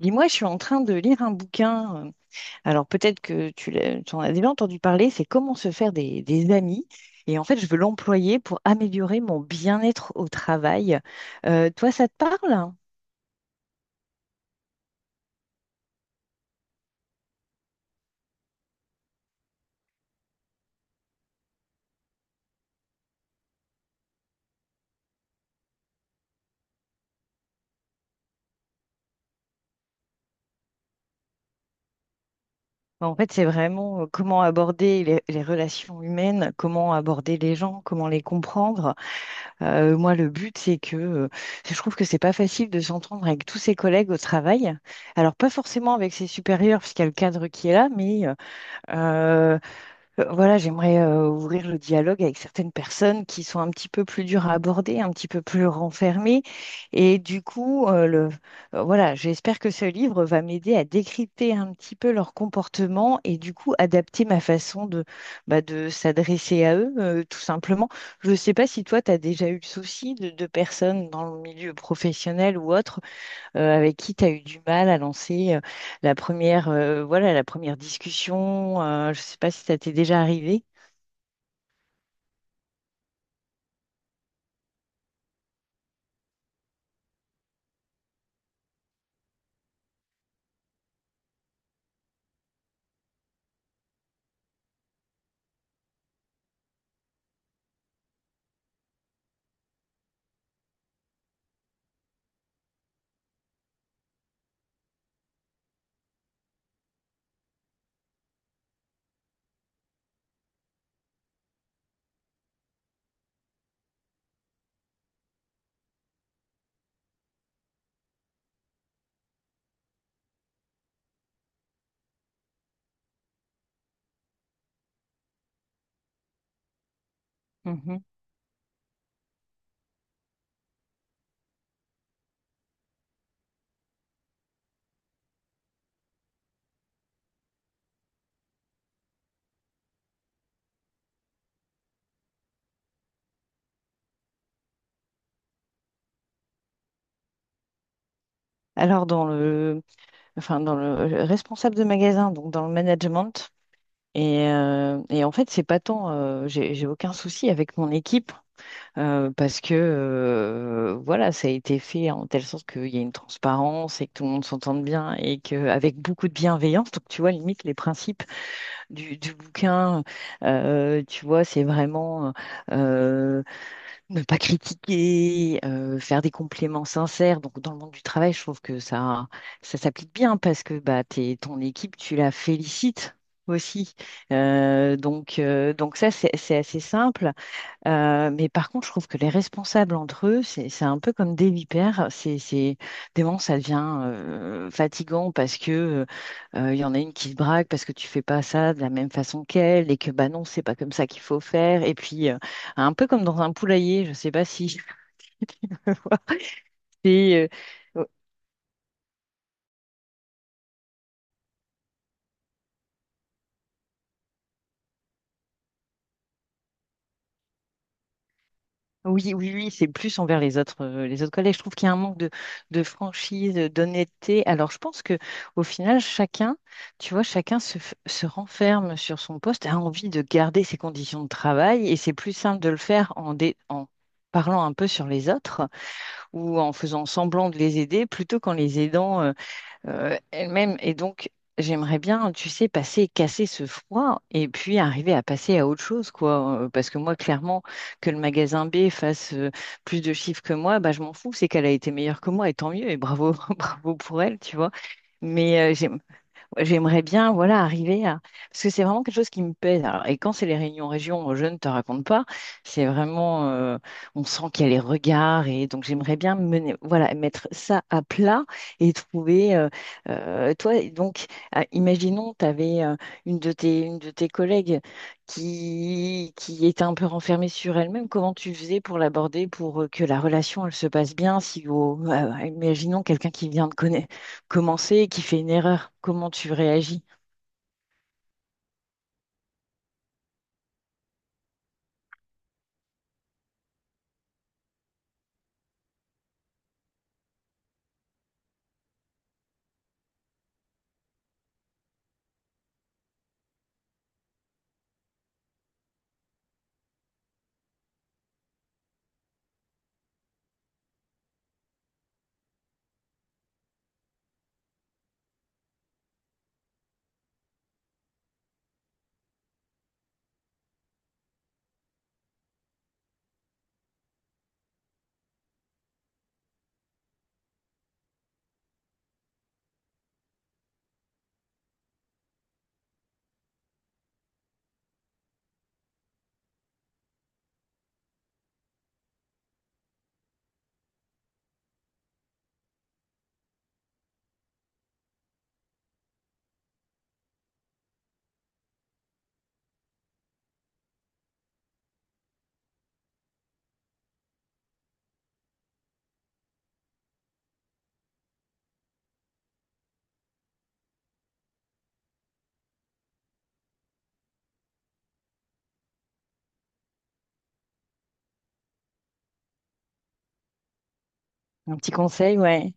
Dis-moi, je suis en train de lire un bouquin. Alors peut-être que tu en as déjà entendu parler, c'est Comment se faire des amis. Et en fait, je veux l'employer pour améliorer mon bien-être au travail. Toi, ça te parle? En fait, c'est vraiment comment aborder les relations humaines, comment aborder les gens, comment les comprendre. Moi, le but, c'est que je trouve que c'est pas facile de s'entendre avec tous ses collègues au travail. Alors, pas forcément avec ses supérieurs, puisqu'il y a le cadre qui est là, mais... euh, Euh, Voilà, j'aimerais ouvrir le dialogue avec certaines personnes qui sont un petit peu plus dures à aborder, un petit peu plus renfermées. Et du coup, j'espère que ce livre va m'aider à décrypter un petit peu leur comportement et du coup adapter ma façon de s'adresser à eux, tout simplement. Je ne sais pas si toi, tu as déjà eu le souci de personnes dans le milieu professionnel ou autre avec qui tu as eu du mal à lancer la première discussion. Je ne sais pas si ça t'est déjà arrivé. Mhm. Alors, dans le, enfin, dans le Responsable de magasin, donc dans le management. Et, et en fait, c'est pas tant, j'ai aucun souci avec mon équipe parce que ça a été fait en telle sorte qu'il y a une transparence et que tout le monde s'entende bien et qu'avec beaucoup de bienveillance, donc tu vois, limite, les principes du bouquin. Tu vois, c'est vraiment euh, ne pas critiquer, faire des compléments sincères. Donc, dans le monde du travail, je trouve que ça s'applique bien parce que bah, ton équipe, tu la félicites aussi. Donc ça, c'est assez simple. Mais par contre, je trouve que les responsables entre eux, c'est un peu comme des vipères. Des moments, ça devient fatigant parce que il y en a une qui se braque parce que tu fais pas ça de la même façon qu'elle et que bah non, c'est pas comme ça qu'il faut faire. Et puis un peu comme dans un poulailler, je sais pas si tu vois. C'est, euh, Oui, oui, oui, c'est plus envers les autres collègues. Je trouve qu'il y a un manque de franchise, d'honnêteté. Alors, je pense que au final, chacun, tu vois, chacun se renferme sur son poste, a envie de garder ses conditions de travail, et c'est plus simple de le faire en parlant un peu sur les autres ou en faisant semblant de les aider plutôt qu'en les aidant elle-même. Et donc, j'aimerais bien, tu sais, passer, casser ce froid et puis arriver à passer à autre chose, quoi. Parce que moi, clairement, que le magasin B fasse plus de chiffres que moi, bah, je m'en fous. C'est qu'elle a été meilleure que moi et tant mieux. Et bravo, bravo pour elle, tu vois. Mais j'aimerais bien, voilà, arriver à... Parce que c'est vraiment quelque chose qui me pèse. Alors, et quand c'est les réunions région, je ne te raconte pas, c'est vraiment... on sent qu'il y a les regards. Et donc, j'aimerais bien mener, voilà, mettre ça à plat et trouver... toi, donc, ah, imaginons, tu avais une de tes collègues qui était un peu renfermée sur elle-même. Comment tu faisais pour l'aborder, pour que la relation, elle se passe bien, si... imaginons quelqu'un qui vient de connaître commencer, qui fait une erreur, comment tu réagis? Un petit conseil, ouais.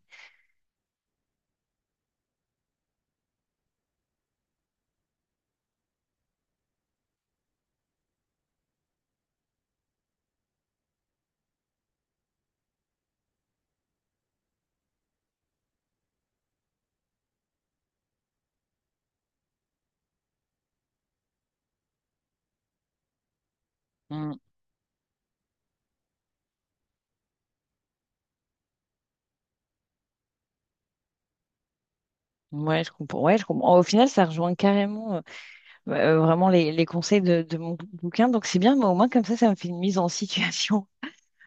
Mm. Ouais, je comprends. Ouais, je comprends. Au final, ça rejoint carrément vraiment les conseils de mon bouquin. Donc, c'est bien, mais au moins, comme ça me fait une mise en situation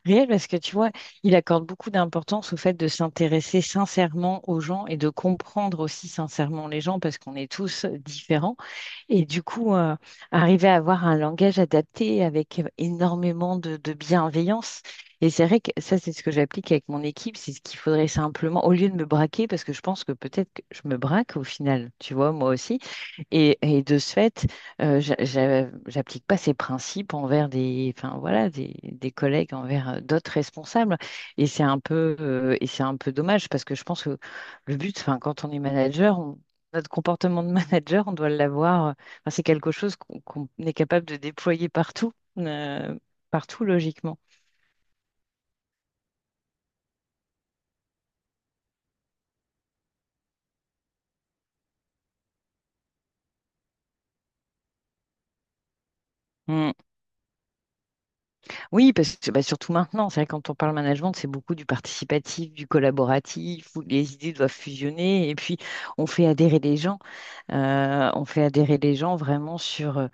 réel parce que tu vois, il accorde beaucoup d'importance au fait de s'intéresser sincèrement aux gens et de comprendre aussi sincèrement les gens parce qu'on est tous différents. Et du coup, arriver à avoir un langage adapté avec énormément de bienveillance. Et c'est vrai que ça, c'est ce que j'applique avec mon équipe. C'est ce qu'il faudrait simplement, au lieu de me braquer, parce que je pense que peut-être que je me braque au final, tu vois, moi aussi. Et de ce fait, j'applique pas ces principes envers des, enfin voilà, des collègues, envers d'autres responsables. Et c'est un peu dommage parce que je pense que le but, enfin, quand on est manager, on- notre comportement de manager, on doit l'avoir. Enfin, c'est quelque chose qu'on est capable de déployer partout, euh, partout logiquement. Mm. Oui, parce que bah, surtout maintenant, c'est vrai, que quand on parle management, c'est beaucoup du participatif, du collaboratif, où les idées doivent fusionner, et puis on fait adhérer les gens. On fait adhérer les gens vraiment sur... euh,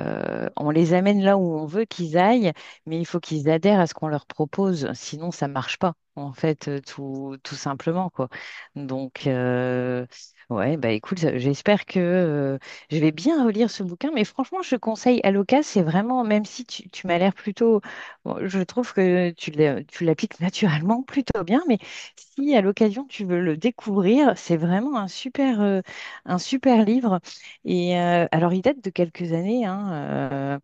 euh, on les amène là où on veut qu'ils aillent, mais il faut qu'ils adhèrent à ce qu'on leur propose, sinon ça marche pas, en fait, tout simplement, quoi. Donc, euh, ouais, bah écoute, j'espère que... je vais bien relire ce bouquin, mais franchement, je conseille Aloca, c'est vraiment, même si tu m'as l'air plutôt bon, je trouve que tu l'appliques naturellement plutôt bien, mais si à l'occasion tu veux le découvrir, c'est vraiment un super livre. Et alors, il date de quelques années, hein,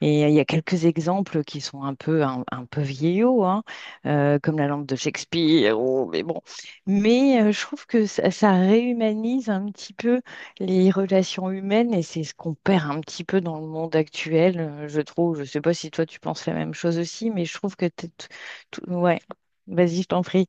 et il y a quelques exemples qui sont un peu vieillots, hein, comme la lampe de Shakespeare, ou- mais bon. Mais je trouve que ça réhumanise un petit peu les relations humaines, et c'est ce qu'on perd un petit peu dans le monde actuel, je trouve. Je sais pas si toi tu penses la même chose aussi, mais je trouve que ouais, vas-y, je t'en prie.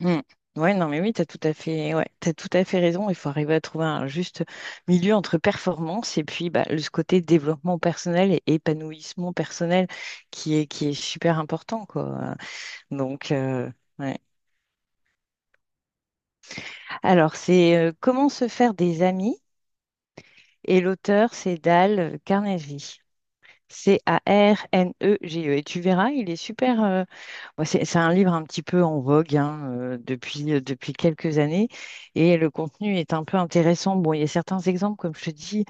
Mm. Ouais, non, mais oui, t'as tout à fait, ouais, t'as tout à fait raison. Il faut arriver à trouver un juste milieu entre performance et puis bah, ce côté développement personnel et épanouissement personnel qui est super important, quoi. Donc, euh, ouais. Alors, c'est Comment se faire des amis, et l'auteur, c'est Dale Carnegie. C-A-R-N-E-G-E. Et tu verras, il est super. Bon, c'est un livre un petit peu en vogue hein, depuis quelques années. Et le contenu est un peu intéressant. Bon, il y a certains exemples, comme je te dis,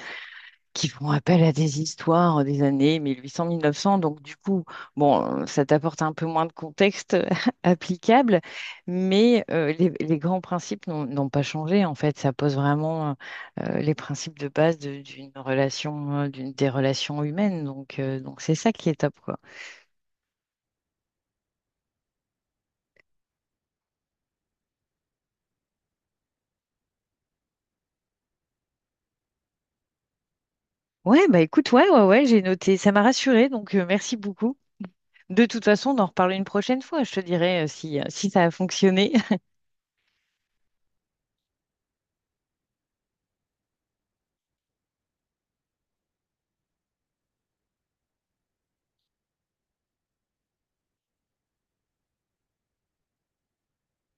qui font appel à des histoires des années 1800-1900. Donc, du coup, bon, ça t'apporte un peu moins de contexte applicable, mais les grands principes n'ont pas changé. En fait, ça pose vraiment les principes de base d'une relation, des relations humaines. Donc c'est ça qui est top, quoi. Ouais, bah écoute, ouais, ouais, ouais, j'ai noté. Ça m'a rassurée, donc merci beaucoup. De toute façon, on en reparle une prochaine fois. Je te dirai si, si ça a fonctionné.